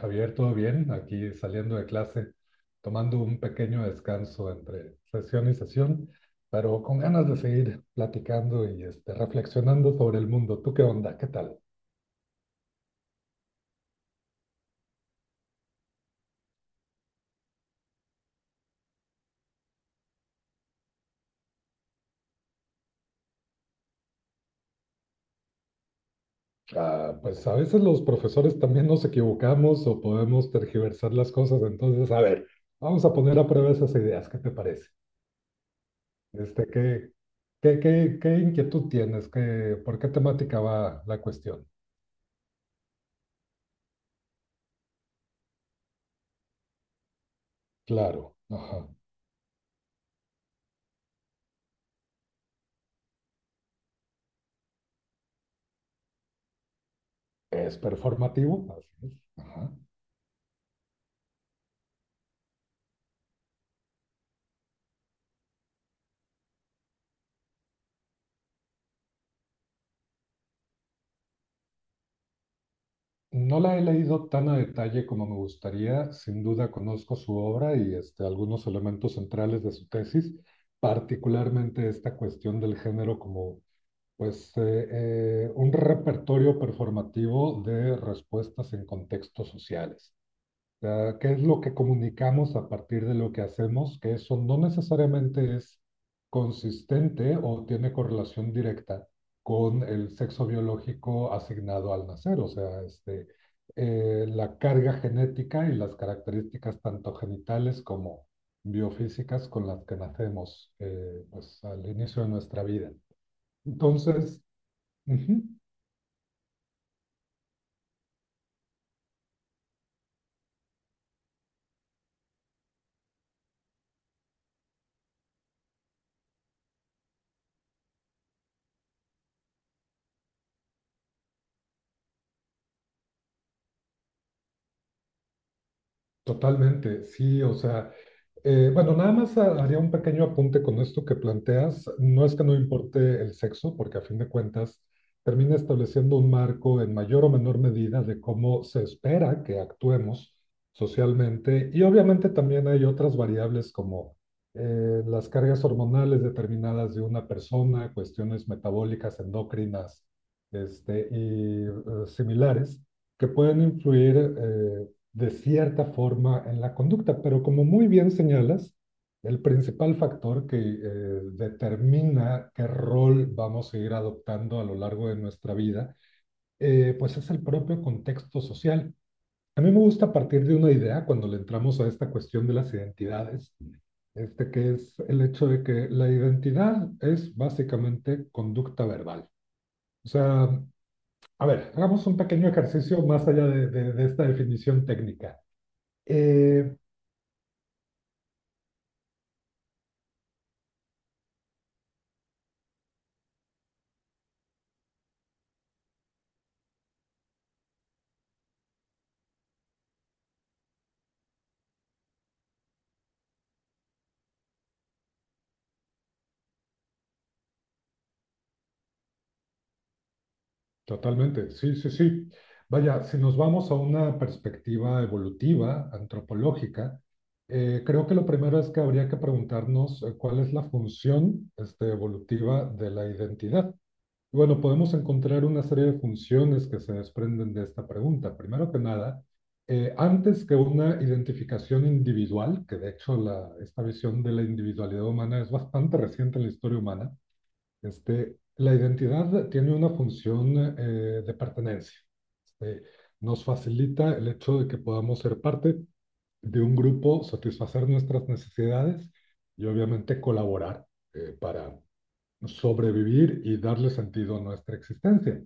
Javier, ¿todo bien? Aquí saliendo de clase, tomando un pequeño descanso entre sesión y sesión, pero con ganas de seguir platicando y reflexionando sobre el mundo. ¿Tú qué onda? ¿Qué tal? Ah, pues a veces los profesores también nos equivocamos o podemos tergiversar las cosas, entonces, a ver, vamos a poner a prueba esas ideas. ¿Qué te parece? Este, ¿qué, qué inquietud tienes? ¿Qué, por qué temática va la cuestión? Claro, ajá. ¿Es performativo? Así es. Ajá. No la he leído tan a detalle como me gustaría. Sin duda conozco su obra y algunos elementos centrales de su tesis, particularmente esta cuestión del género como pues, un repertorio performativo de respuestas en contextos sociales sea, qué es lo que comunicamos a partir de lo que hacemos, que eso no necesariamente es consistente o tiene correlación directa con el sexo biológico asignado al nacer, o sea, la carga genética y las características tanto genitales como biofísicas con las que nacemos pues, al inicio de nuestra vida. Entonces, ujú, totalmente, sí, o sea. Bueno, nada más haría un pequeño apunte con esto que planteas. No es que no importe el sexo, porque a fin de cuentas termina estableciendo un marco en mayor o menor medida de cómo se espera que actuemos socialmente. Y obviamente también hay otras variables como las cargas hormonales determinadas de una persona, cuestiones metabólicas, endocrinas, este, y eh, similares, que pueden influir de cierta forma en la conducta, pero como muy bien señalas, el principal factor que determina qué rol vamos a ir adoptando a lo largo de nuestra vida, pues es el propio contexto social. A mí me gusta partir de una idea cuando le entramos a esta cuestión de las identidades, que es el hecho de que la identidad es básicamente conducta verbal. O sea, a ver, hagamos un pequeño ejercicio más allá de esta definición técnica. Eh, Totalmente, sí, sí, sí. Vaya, si nos vamos a una perspectiva evolutiva, antropológica, creo que lo primero es que habría que preguntarnos cuál es la función evolutiva de la identidad. Y bueno, podemos encontrar una serie de funciones que se desprenden de esta pregunta. Primero que nada, antes que una identificación individual, que de hecho esta visión de la individualidad humana es bastante reciente en la historia humana, la identidad tiene una función de pertenencia. Este, nos facilita el hecho de que podamos ser parte de un grupo, satisfacer nuestras necesidades y obviamente colaborar para sobrevivir y darle sentido a nuestra existencia.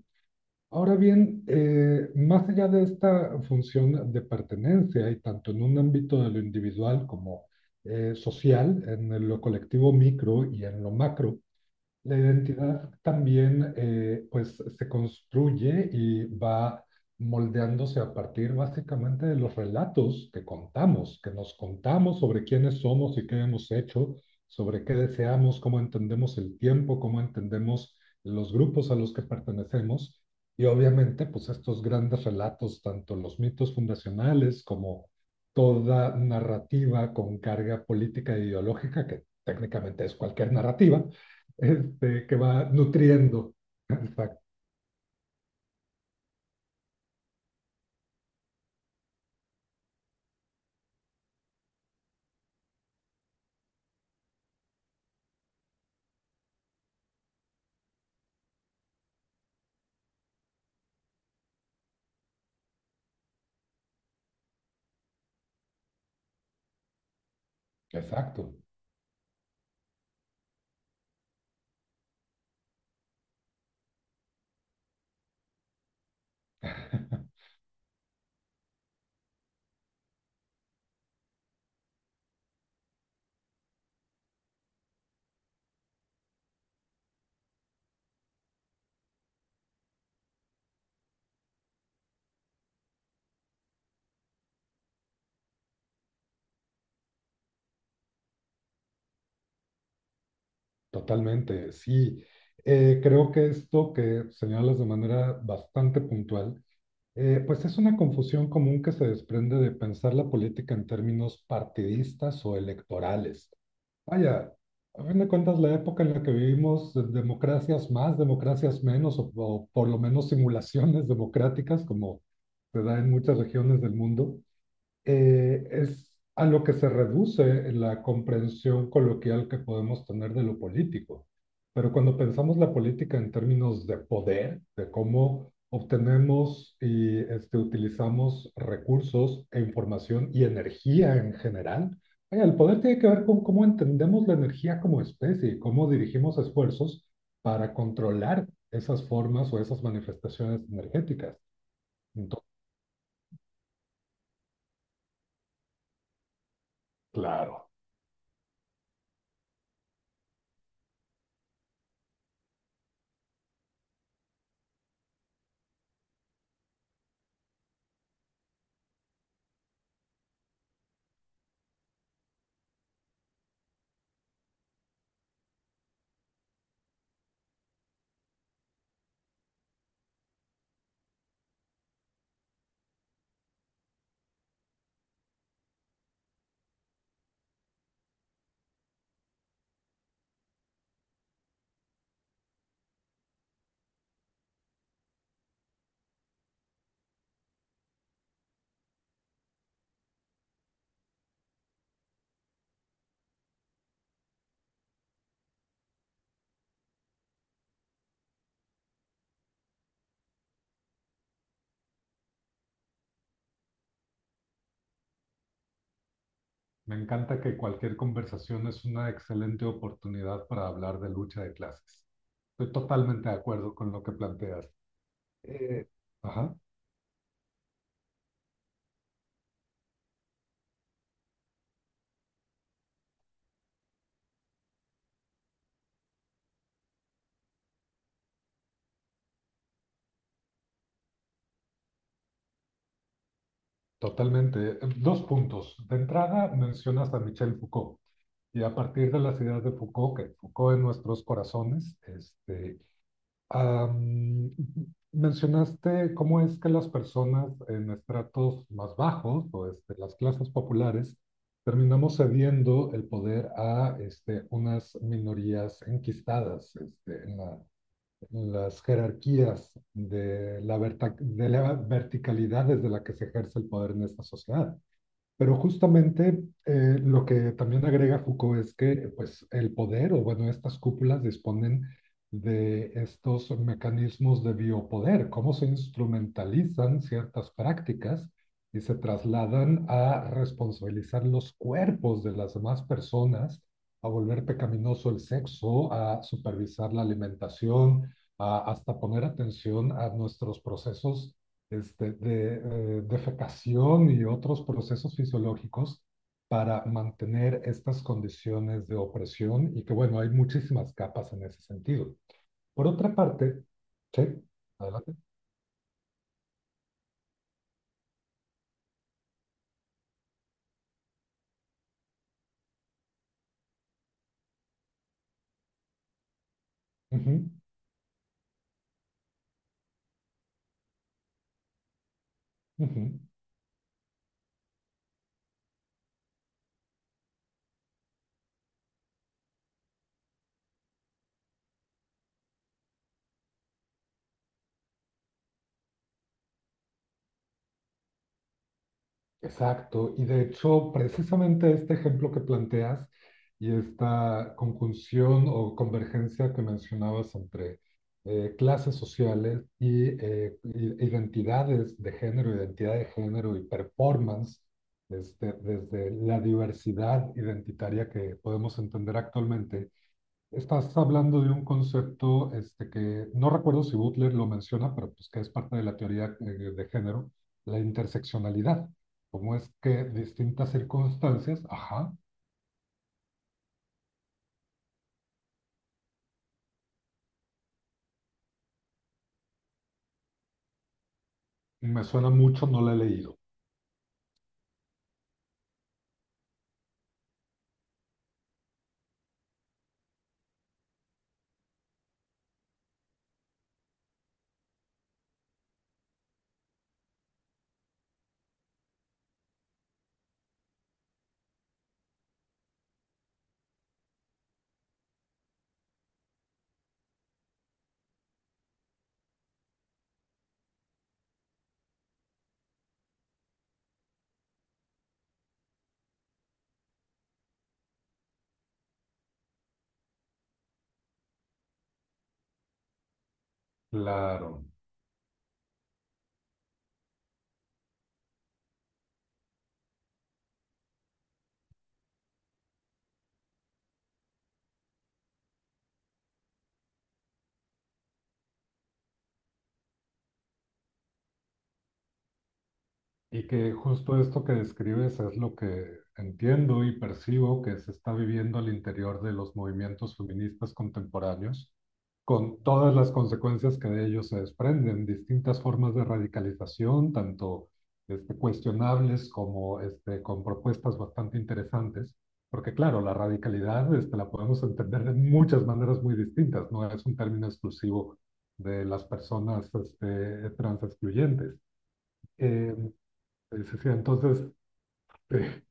Ahora bien, más allá de esta función de pertenencia y tanto en un ámbito de lo individual como social, en lo colectivo micro y en lo macro, la identidad también pues se construye y va moldeándose a partir básicamente de los relatos que contamos, que nos contamos sobre quiénes somos y qué hemos hecho, sobre qué deseamos, cómo entendemos el tiempo, cómo entendemos los grupos a los que pertenecemos. Y obviamente pues estos grandes relatos, tanto los mitos fundacionales como toda narrativa con carga política e ideológica, que técnicamente es cualquier narrativa, que va nutriendo. Exacto, exacto. totalmente, sí. Creo que esto que señalas de manera bastante puntual, pues es una confusión común que se desprende de pensar la política en términos partidistas o electorales. Vaya, a fin de cuentas, la época en la que vivimos, democracias más, democracias menos, o por lo menos simulaciones democráticas, como se da en muchas regiones del mundo, es a lo que se reduce la comprensión coloquial que podemos tener de lo político. Pero cuando pensamos la política en términos de poder, de cómo obtenemos y utilizamos recursos e información y energía en general, vaya, el poder tiene que ver con cómo entendemos la energía como especie y cómo dirigimos esfuerzos para controlar esas formas o esas manifestaciones energéticas. Entonces, claro, me encanta que cualquier conversación es una excelente oportunidad para hablar de lucha de clases. Estoy totalmente de acuerdo con lo que planteas. Eh, ajá, totalmente. Dos puntos. De entrada, mencionas a Michel Foucault. Y a partir de las ideas de Foucault, que Foucault en nuestros corazones, Am, mencionaste cómo es que las personas en estratos más bajos o las clases populares terminamos cediendo el poder a unas minorías enquistadas en en las jerarquías de de la verticalidad desde la que se ejerce el poder en esta sociedad. Pero justamente lo que también agrega Foucault es que pues, el poder, o bueno, estas cúpulas disponen de estos mecanismos de biopoder, cómo se instrumentalizan ciertas prácticas y se trasladan a responsabilizar los cuerpos de las demás personas, a volver pecaminoso el sexo, a supervisar la alimentación, a hasta poner atención a nuestros procesos este, de defecación y otros procesos fisiológicos para mantener estas condiciones de opresión y que, bueno, hay muchísimas capas en ese sentido. Por otra parte, sí, adelante. Ujú, ujú. Exacto, y de hecho, precisamente este ejemplo que planteas y esta conjunción o convergencia que mencionabas entre clases sociales y identidades de género, identidad de género y performance, desde la diversidad identitaria que podemos entender actualmente, estás hablando de un concepto que no recuerdo si Butler lo menciona, pero pues que es parte de la teoría de género, la interseccionalidad. Cómo es que distintas circunstancias, ajá, me suena mucho, no la he leído. Claro. Y que justo esto que describes es lo que entiendo y percibo que se está viviendo al interior de los movimientos feministas contemporáneos con todas las consecuencias que de ello se desprenden, distintas formas de radicalización, tanto cuestionables como con propuestas bastante interesantes, porque claro, la radicalidad la podemos entender de muchas maneras muy distintas, no es un término exclusivo de las personas trans excluyentes. Eh, es entonces, eh,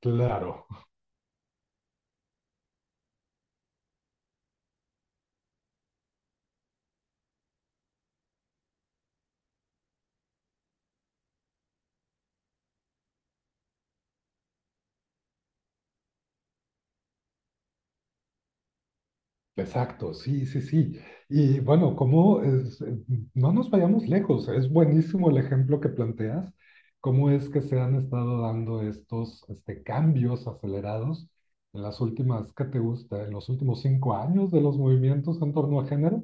claro, exacto, sí, sí, sí. Y bueno, como no nos vayamos lejos, es buenísimo el ejemplo que planteas, cómo es que se han estado dando estos cambios acelerados en las últimas, ¿qué te gusta? En los últimos 5 años de los movimientos en torno a género.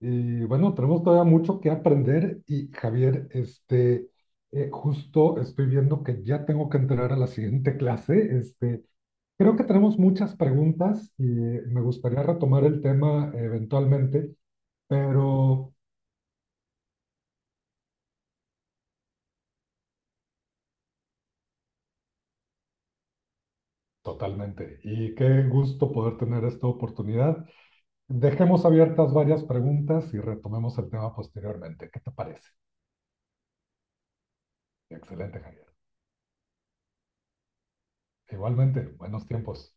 Y bueno, tenemos todavía mucho que aprender y Javier, justo estoy viendo que ya tengo que entrar a la siguiente clase, creo que tenemos muchas preguntas y me gustaría retomar el tema eventualmente, pero totalmente. Y qué gusto poder tener esta oportunidad. Dejemos abiertas varias preguntas y retomemos el tema posteriormente. ¿Qué te parece? Excelente, Javier. Igualmente, buenos tiempos.